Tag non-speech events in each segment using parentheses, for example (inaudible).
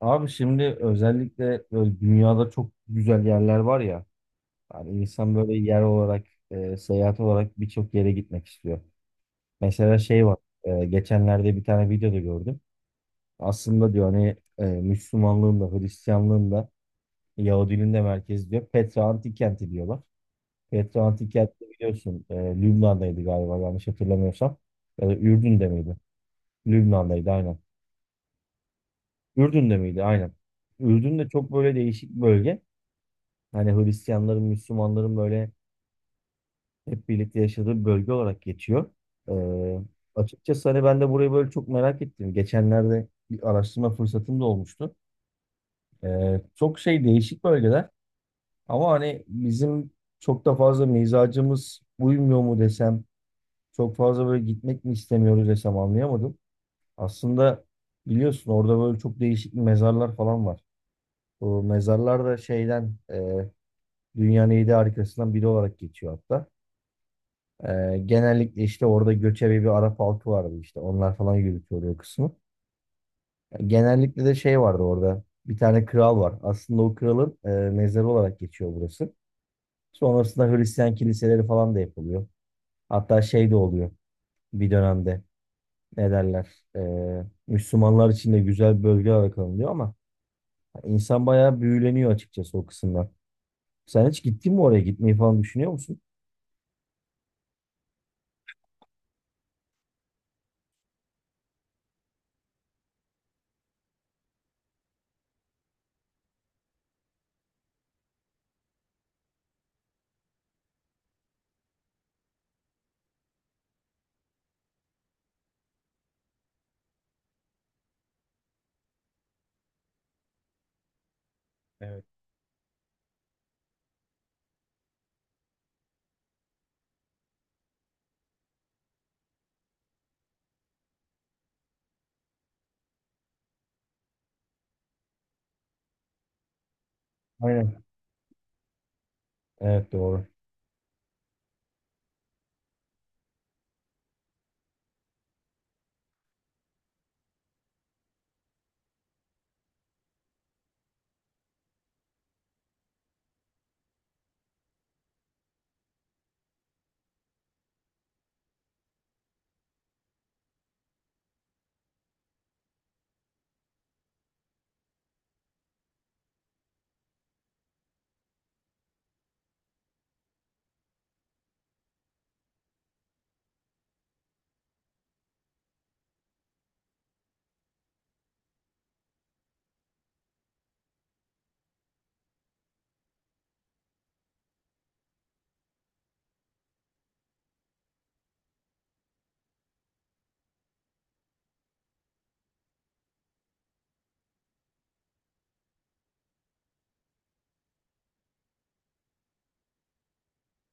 Abi şimdi özellikle böyle dünyada çok güzel yerler var ya. Yani insan böyle yer olarak, seyahat olarak birçok yere gitmek istiyor. Mesela şey var. Geçenlerde bir tane videoda gördüm. Aslında diyor hani Müslümanlığın da Hristiyanlığın da Yahudiliğin de merkezi diyor. Petra Antik Kenti diyorlar. Petra Antik Kenti biliyorsun Lübnan'daydı galiba yanlış hatırlamıyorsam. Ya da Ürdün'de miydi? Lübnan'daydı aynen. Ürdün'de miydi? Aynen. Ürdün de çok böyle değişik bir bölge. Hani Hristiyanların, Müslümanların böyle hep birlikte yaşadığı bir bölge olarak geçiyor. Ee, Açıkçası hani ben de burayı böyle çok merak ettim. Geçenlerde bir araştırma fırsatım da olmuştu. Çok şey değişik bölgeler ama hani bizim çok da fazla mizacımız uymuyor mu desem, çok fazla böyle gitmek mi istemiyoruz desem anlayamadım. Aslında biliyorsun orada böyle çok değişik mezarlar falan var. Bu mezarlar da şeyden dünyanın 7 harikasından biri olarak geçiyor hatta. Genellikle işte orada göçebe bir Arap halkı vardı işte. Onlar falan yürütüyordu o kısmı. Genellikle de şey vardı orada. Bir tane kral var. Aslında o kralın mezarı olarak geçiyor burası. Sonrasında Hristiyan kiliseleri falan da yapılıyor. Hatta şey de oluyor bir dönemde. Ne derler? Müslümanlar için de güzel bir bölge olarak alınıyor ama insan bayağı büyüleniyor açıkçası o kısımdan. Sen hiç gittin mi oraya? Gitmeyi falan düşünüyor musun? Evet. Aynen. Evet, doğru.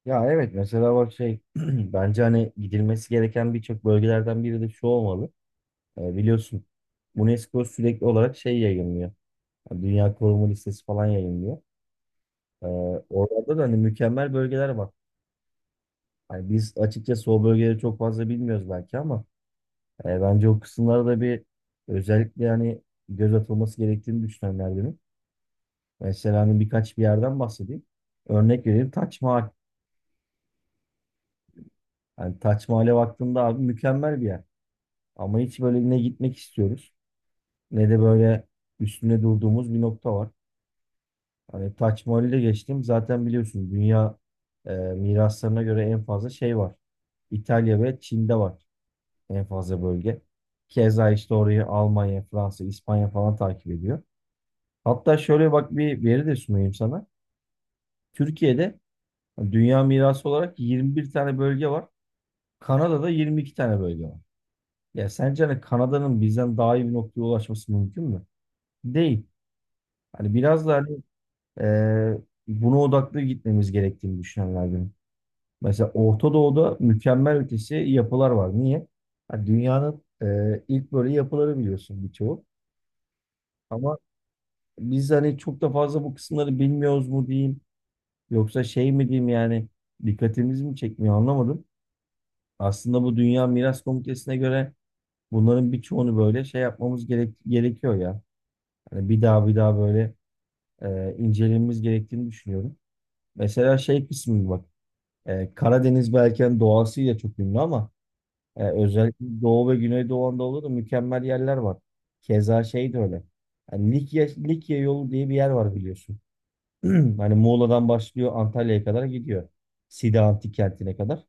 Ya evet, mesela bak şey (clears throat) bence hani gidilmesi gereken birçok bölgelerden biri de şu olmalı. Biliyorsun UNESCO sürekli olarak şey yayınlıyor. Yani Dünya Koruma Listesi falan yayınlıyor. Ee, Orada da hani mükemmel bölgeler var. Hani biz açıkçası o bölgeleri çok fazla bilmiyoruz belki ama bence o kısımlara da bir özellikle yani göz atılması gerektiğini düşünenlerdenim. Mesela hani birkaç bir yerden bahsedeyim. Örnek vereyim, Taç Mahal. Yani Taç Mahal'e baktığında abi mükemmel bir yer. Ama hiç böyle ne gitmek istiyoruz ne de böyle üstüne durduğumuz bir nokta var. Hani Taç Mahal'i de geçtim. Zaten biliyorsunuz dünya miraslarına göre en fazla şey var. İtalya ve Çin'de var en fazla bölge. Keza işte orayı Almanya, Fransa, İspanya falan takip ediyor. Hatta şöyle bak, bir veri de sunayım sana. Türkiye'de dünya mirası olarak 21 tane bölge var. Kanada'da 22 tane bölge var. Ya sence hani Kanada'nın bizden daha iyi bir noktaya ulaşması mümkün mü? Değil. Hani biraz da hani e, buna odaklı gitmemiz gerektiğini düşünenlerdenim. Mesela Orta Doğu'da mükemmel ötesi yapılar var. Niye? Hani dünyanın ilk böyle yapıları biliyorsun birçoğu. Ama biz hani çok da fazla bu kısımları bilmiyoruz mu diyeyim. Yoksa şey mi diyeyim yani dikkatimiz mi çekmiyor anlamadım. Aslında bu Dünya Miras Komitesi'ne göre bunların birçoğunu böyle şey yapmamız gerekiyor ya. Hani bir daha bir daha böyle incelememiz gerektiğini düşünüyorum. Mesela şey kısmı bak. E, Karadeniz belki hani doğasıyla çok ünlü ama özellikle Doğu ve Güneydoğu Anadolu'da mükemmel yerler var. Keza şey de öyle. Yani Likya, Likya yolu diye bir yer var biliyorsun. (clears throat) Hani Muğla'dan başlıyor, Antalya'ya kadar gidiyor. Side Antik Kenti'ne kadar.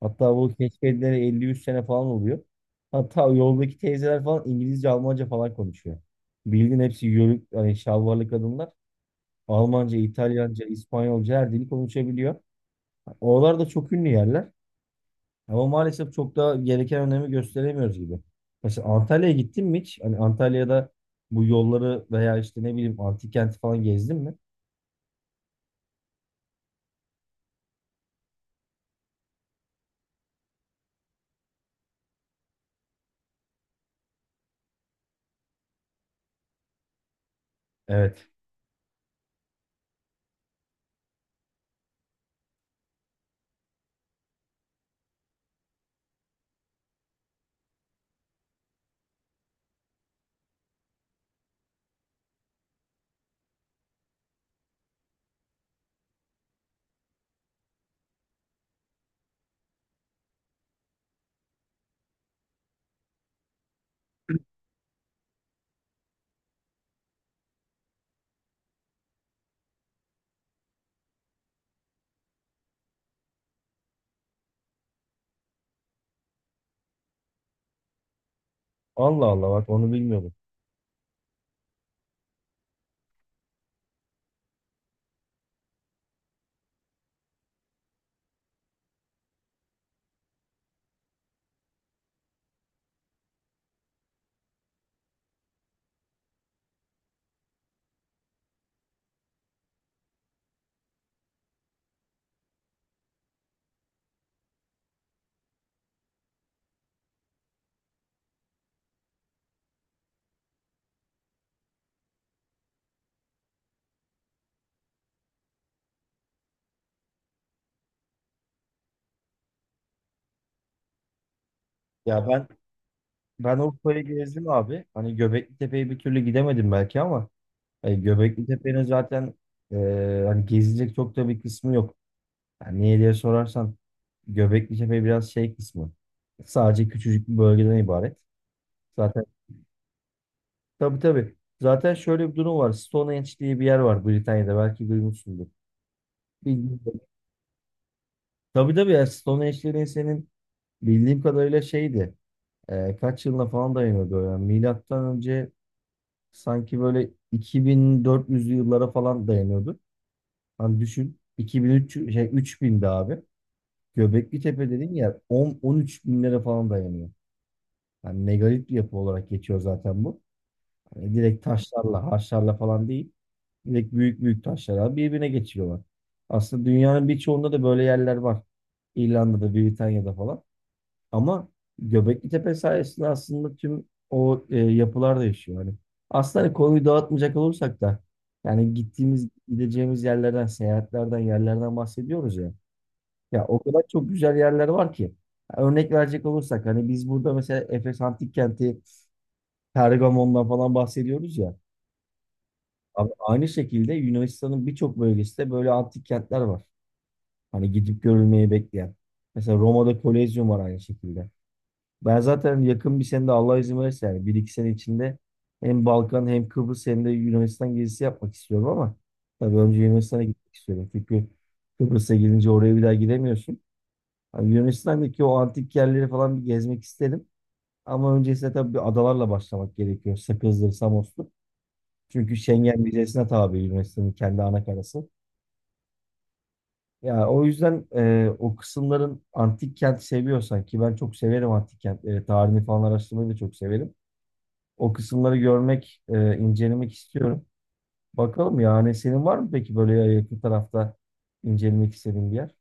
Hatta bu keşfedilere 50-100 sene falan oluyor. Hatta yoldaki teyzeler falan İngilizce, Almanca falan konuşuyor. Bildiğin hepsi yörük, hani şalvarlı kadınlar. Almanca, İtalyanca, İspanyolca her dili konuşabiliyor. Oralar da çok ünlü yerler. Ama maalesef çok da gereken önemi gösteremiyoruz gibi. Mesela Antalya'ya gittin mi hiç? Hani Antalya'da bu yolları veya işte ne bileyim antik kenti falan gezdin mi? Evet. Allah Allah, bak, onu bilmiyordum. Ya ben Urfa'yı gezdim abi. Hani Göbekli Tepe'ye bir türlü gidemedim belki ama hani Göbekli Tepe'nin zaten e, hani gezilecek çok da bir kısmı yok. Yani niye diye sorarsan Göbekli Tepe biraz şey kısmı. Sadece küçücük bir bölgeden ibaret. Zaten, tabii, tabii. Zaten şöyle bir durum var. Stonehenge diye bir yer var Britanya'da. Belki duymuşsundur. Bilmiyorum. Tabii tabii, ya Stonehenge'lerin senin bildiğim kadarıyla şeydi. Kaç yılına falan dayanıyordu. Yani milattan önce sanki böyle 2400'lü yıllara falan dayanıyordu. Hani düşün 2003 şey 3000'di abi. Göbekli Tepe dediğin yer 10 13 binlere falan dayanıyor. Yani megalit bir yapı olarak geçiyor zaten bu. Hani direkt taşlarla, harçlarla falan değil. Direkt büyük büyük taşlar abi birbirine geçiyorlar. Aslında dünyanın birçoğunda da böyle yerler var. İrlanda'da, Britanya'da falan. Ama Göbekli Tepe sayesinde aslında tüm o yapılar değişiyor. Hani aslında hani konuyu dağıtmayacak olursak da yani gittiğimiz, gideceğimiz yerlerden, seyahatlerden, yerlerden bahsediyoruz ya. Ya o kadar çok güzel yerler var ki. Örnek verecek olursak hani biz burada mesela Efes Antik Kenti, Pergamon'dan falan bahsediyoruz ya. Abi aynı şekilde Yunanistan'ın birçok bölgesinde böyle antik kentler var. Hani gidip görülmeyi bekleyen. Mesela Roma'da Kolezyum var aynı şekilde. Ben zaten yakın bir senede Allah izin verirse yani bir iki sene içinde hem Balkan hem Kıbrıs hem de Yunanistan gezisi yapmak istiyorum ama tabii önce Yunanistan'a gitmek istiyorum. Çünkü Kıbrıs'a gidince oraya bir daha gidemiyorsun. Hani Yunanistan'daki o antik yerleri falan bir gezmek isterim. Ama öncesinde tabii bir adalarla başlamak gerekiyor. Sakız'dır, Samos'tur. Çünkü Schengen vizesine tabi Yunanistan'ın kendi anakarası. Ya o yüzden o kısımların antik kent seviyorsan ki ben çok severim antik kentleri, tarihini falan araştırmayı da çok severim. O kısımları görmek, incelemek istiyorum. Bakalım yani senin var mı peki böyle yakın tarafta incelemek istediğin bir yer?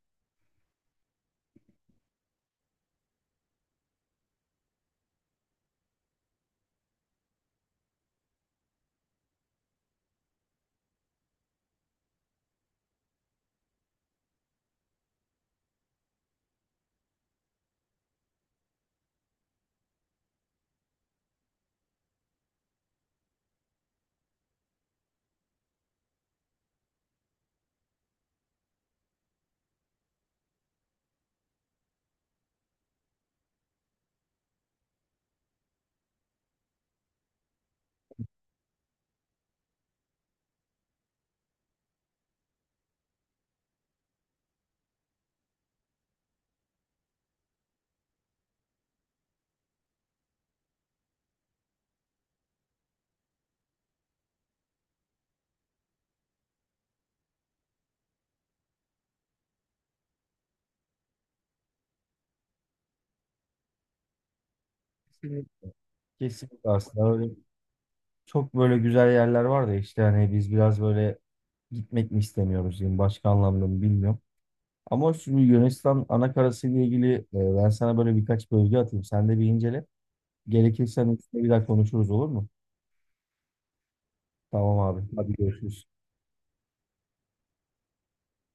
Kesinlikle. Kesinlikle, aslında öyle çok böyle güzel yerler var da işte hani biz biraz böyle gitmek mi istemiyoruz diyeyim başka anlamda mı bilmiyorum. Ama şu Yunanistan anakarası ile ilgili ben sana böyle birkaç bölge atayım. Sen de bir incele. Gerekirse hani üstüne bir daha konuşuruz, olur mu? Tamam abi. Hadi görüşürüz.